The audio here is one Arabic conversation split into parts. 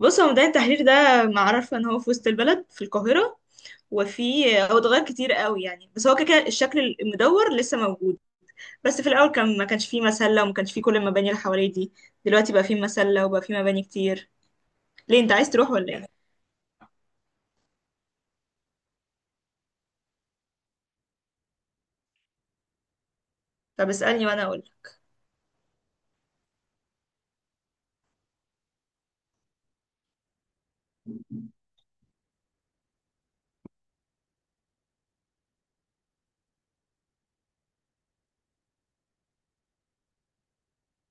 بص، هو ميدان التحرير ده معروف ان هو في وسط البلد في القاهرة. وفي هو اتغير كتير قوي يعني، بس هو كده كده الشكل المدور لسه موجود. بس في الاول كان ما كانش فيه مسلة وما كانش فيه كل المباني اللي حواليه دي. دلوقتي بقى فيه مسلة وبقى فيه مباني كتير. ليه، انت عايز تروح ولا ايه؟ طب اسألني وانا اقول.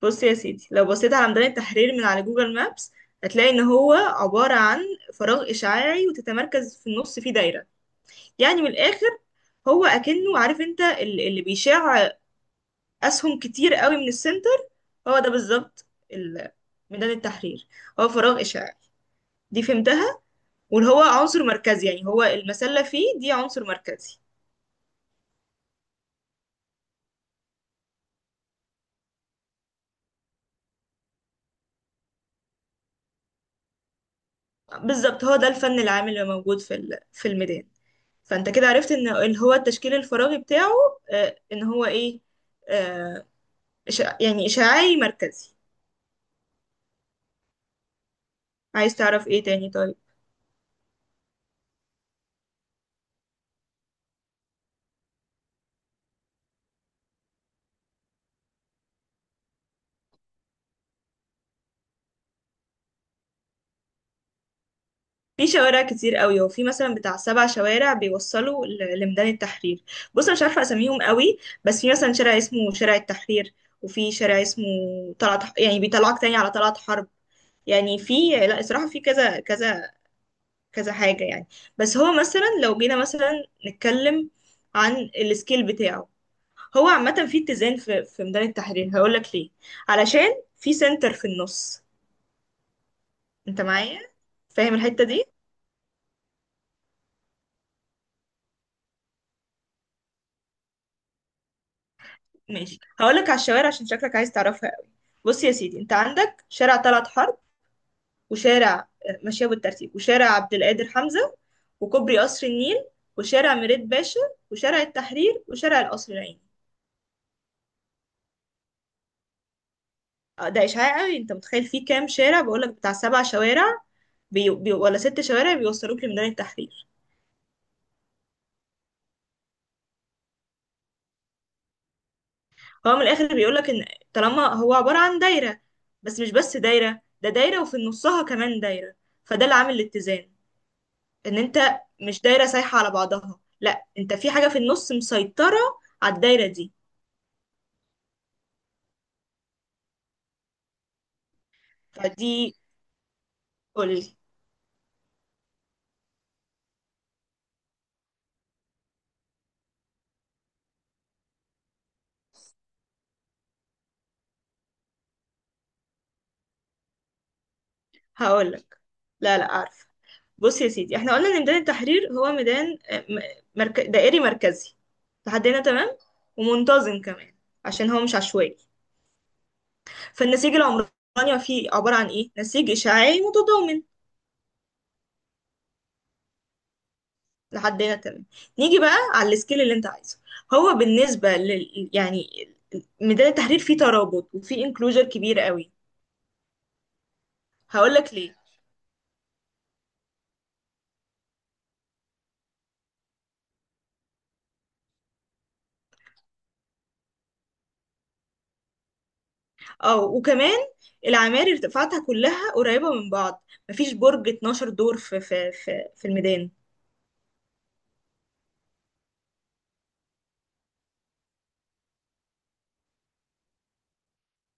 بص يا سيدي، لو بصيت على ميدان التحرير من على جوجل مابس، هتلاقي ان هو عبارة عن فراغ اشعاعي، وتتمركز في النص فيه دايرة. يعني من الاخر، هو اكنه عارف انت اللي بيشع اسهم كتير قوي من السنتر. هو ده بالظبط ال- ميدان التحرير. هو فراغ إشعاعي، دي فهمتها. واللي هو عنصر مركزي، يعني هو المسلة فيه دي عنصر مركزي. بالظبط، هو ده الفن العام اللي موجود في الميدان. فانت كده عرفت ان اللي هو التشكيل الفراغي بتاعه، ان هو ايه، آه، يعني إشعاعي مركزي. عايز تعرف ايه تاني طيب؟ في شوارع كتير قوي. هو في مثلا بتاع سبع شوارع بيوصلوا لميدان التحرير. بص انا مش عارفه اساميهم قوي، بس في مثلا شارع اسمه شارع التحرير، وفي شارع اسمه يعني بيطلعك تاني على طلعت حرب. يعني في، لا الصراحه، في كذا كذا كذا حاجه يعني. بس هو مثلا، لو جينا مثلا نتكلم عن السكيل بتاعه، هو عامه في اتزان في ميدان التحرير. هقول لك ليه: علشان في سنتر في النص. انت معايا، فاهم الحته دي؟ ماشي، هقولك على الشوارع عشان شكلك عايز تعرفها قوي. بص يا سيدي، انت عندك شارع طلعت حرب، وشارع، ماشية بالترتيب، وشارع عبد القادر حمزة، وكوبري قصر النيل، وشارع مريد باشا، وشارع التحرير، وشارع القصر العيني. ده إشعاع قوي. انت متخيل فيه كام شارع؟ بقولك بتاع سبع شوارع ولا ست شوارع بيوصلوك لميدان التحرير. هو من الآخر بيقولك ان، طالما هو عبارة عن دايرة، بس مش بس دايرة، ده دايرة وفي نصها كمان دايرة، فده اللي عامل الاتزان. ان انت مش دايره سايحه على بعضها، لا، انت في حاجه في النص مسيطره على الدايره دي. فدي، قولي. هقولك. لا لا، عارفه. بص يا سيدي، احنا قلنا ان ميدان التحرير هو ميدان، دائري مركزي. لحد هنا تمام. ومنتظم كمان، عشان هو مش عشوائي. فالنسيج العمراني فيه عباره عن ايه؟ نسيج اشعاعي متضامن. لحد هنا تمام. نيجي بقى على السكيل اللي انت عايزه. هو بالنسبه لل، يعني، ميدان التحرير فيه ترابط وفيه انكلوجر كبير قوي. هقول لك ليه. اه، وكمان العماير ارتفاعاتها كلها قريبة من بعض. مفيش برج 12 دور في الميدان.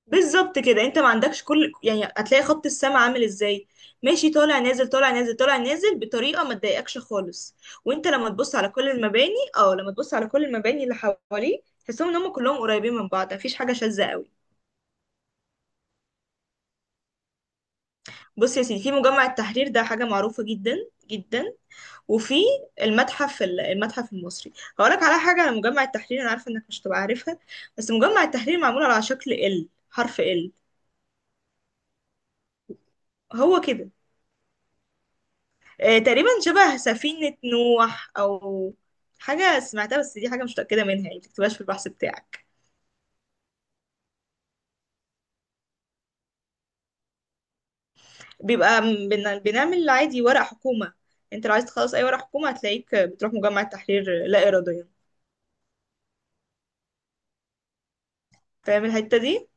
بالظبط كده، انت ما عندكش كل، يعني هتلاقي خط السماء عامل ازاي؟ ماشي، طالع نازل، طالع نازل، طالع نازل، بطريقة ما تضايقكش خالص. وانت لما تبص على كل المباني، اه، لما تبص على كل المباني اللي حواليه، تحسهم ان هم كلهم قريبين من بعض، مفيش حاجة شاذة قوي. بص يا سيدي، في مجمع التحرير، ده حاجة معروفة جدا جدا. وفي المتحف المتحف المصري. هقولك على حاجة على مجمع التحرير، أنا عارفة إنك مش هتبقى عارفها. بس مجمع التحرير معمول على شكل ال حرف ال. هو كده. تقريبا شبه سفينة نوح، أو حاجة سمعتها، بس دي حاجة مش متأكدة منها يعني، متكتبهاش في البحث بتاعك. بيبقى بنعمل عادي ورق حكومة. انت لو عايز تخلص أي ورق حكومة، هتلاقيك بتروح مجمع التحرير لا إراديا. فاهم الحتة دي؟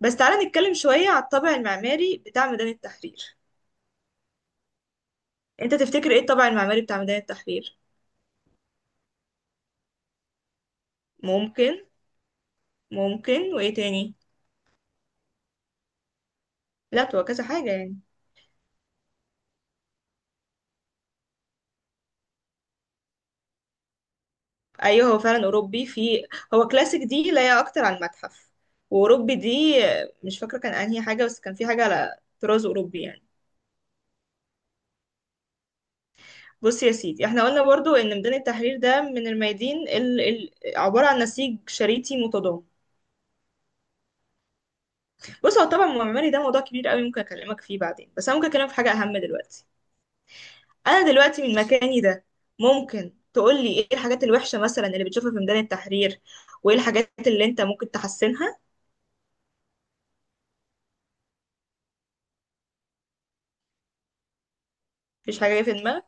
بس تعالى نتكلم شوية على الطابع المعماري بتاع ميدان التحرير. انت تفتكر ايه الطابع المعماري بتاع ميدان التحرير؟ ممكن. ممكن، وايه تاني؟ لا هو كذا حاجة يعني. ايوه، هو فعلا اوروبي. في، هو كلاسيك دي لا، هي اكتر عن المتحف. واوروبي دي، مش فاكرة كان انهي حاجة، بس كان في حاجة على طراز اوروبي يعني. بص يا سيدي، احنا قلنا برضو ان ميدان التحرير ده من الميادين عبارة عن نسيج شريطي متضام. بص، هو طبعا معماري ده موضوع كبير قوي، ممكن اكلمك فيه بعدين، بس انا ممكن اكلمك في حاجة اهم دلوقتي. انا دلوقتي من مكاني ده، ممكن تقولي ايه الحاجات الوحشة مثلا اللي بتشوفها في ميدان التحرير، وايه الحاجات اللي انت ممكن تحسنها؟ مفيش حاجة جاية في دماغك؟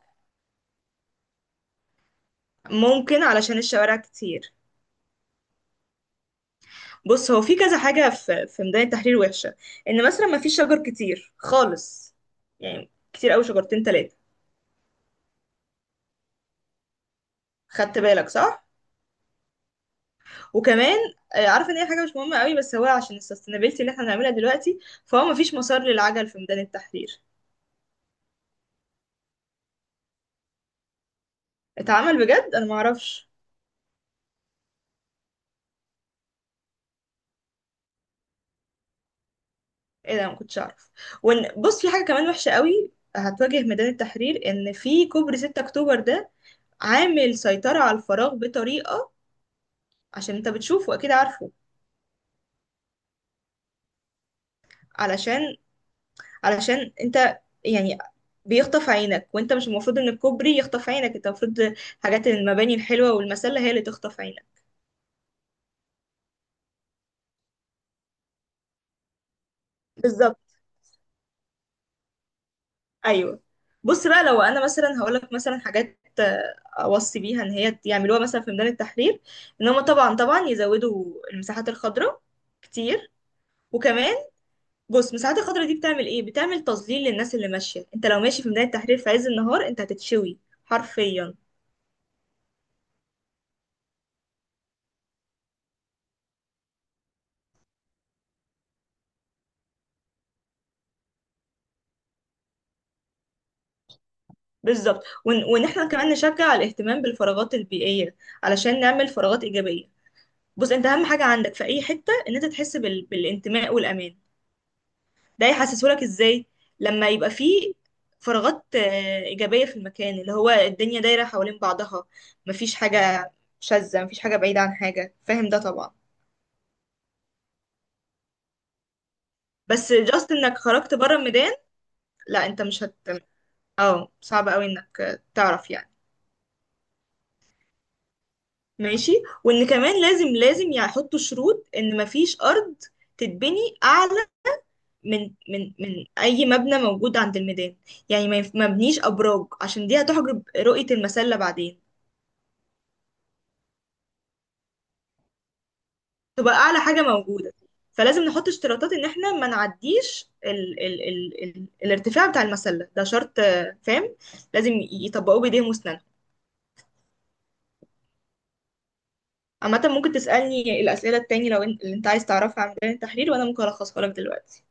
ممكن علشان الشوارع كتير. بص، هو في كذا حاجة في ميدان التحرير وحشة. ان مثلا مفيش شجر كتير خالص، يعني كتير قوي شجرتين تلاتة. خدت بالك؟ صح. وكمان، عارفه ان هي حاجه مش مهمه قوي، بس هو عشان السستينابيلتي اللي احنا بنعملها دلوقتي، فهو مفيش مسار للعجل في ميدان التحرير. اتعمل بجد؟ انا معرفش. ايه ده، ما كنتش اعرف. بص، في حاجه كمان وحشه قوي هتواجه ميدان التحرير، ان في كوبري 6 اكتوبر ده عامل سيطره على الفراغ بطريقه. عشان انت بتشوفه، اكيد عارفه. علشان، علشان انت، يعني بيخطف عينك، وانت مش المفروض ان الكوبري يخطف عينك. انت المفروض حاجات المباني الحلوه والمسله هي اللي تخطف عينك. بالظبط. ايوه. بص بقى، لو انا مثلا هقول لك مثلا حاجات، اوصي بيها ان هي يعملوها مثلا في ميدان التحرير: ان هم طبعا طبعا يزودوا المساحات الخضراء كتير. وكمان، بص المساحات الخضراء دي بتعمل ايه؟ بتعمل تظليل للناس اللي ماشيه. انت لو ماشي في ميدان التحرير في عز النهار، انت هتتشوي حرفيا. بالظبط. وان، وإن احنا كمان نشجع الاهتمام بالفراغات البيئيه، علشان نعمل فراغات ايجابيه. بص، انت اهم حاجه عندك في اي حته ان انت تحس بالانتماء والامان. ده يحسسهولك ازاي؟ لما يبقى فيه فراغات، إيجابية في المكان، اللي هو الدنيا دايرة حوالين بعضها، مفيش حاجة شاذة، مفيش حاجة بعيدة عن حاجة. فاهم ده طبعا. بس جاست انك خرجت بره الميدان، لا انت مش هت. اه صعب قوي انك، تعرف يعني. ماشي. وان كمان، لازم لازم يحطوا شروط ان مفيش ارض تتبني اعلى من اي مبنى موجود عند الميدان. يعني ما بنيش ابراج، عشان دي هتحجب رؤية المسلة بعدين. تبقى اعلى حاجه موجوده. فلازم نحط اشتراطات ان احنا ما نعديش ال الارتفاع بتاع المسله. ده شرط، فاهم، لازم يطبقوه بايديهم واسنانهم. عامه ممكن تسالني الاسئله التاني لو انت، اللي انت عايز تعرفها عن ميدان التحرير، وانا ممكن الخصها لك دلوقتي.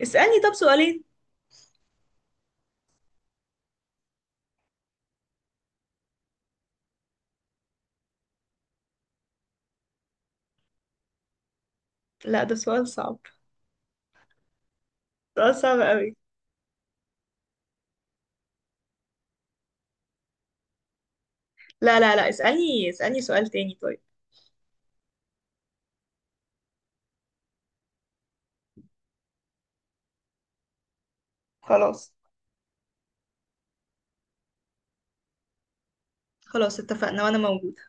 اسالني طب سؤالين. لا، ده سؤال صعب. سؤال صعب قوي. لا لا لا، اسالني، اسالني سؤال تاني طيب. خلاص. خلاص اتفقنا، وانا موجوده.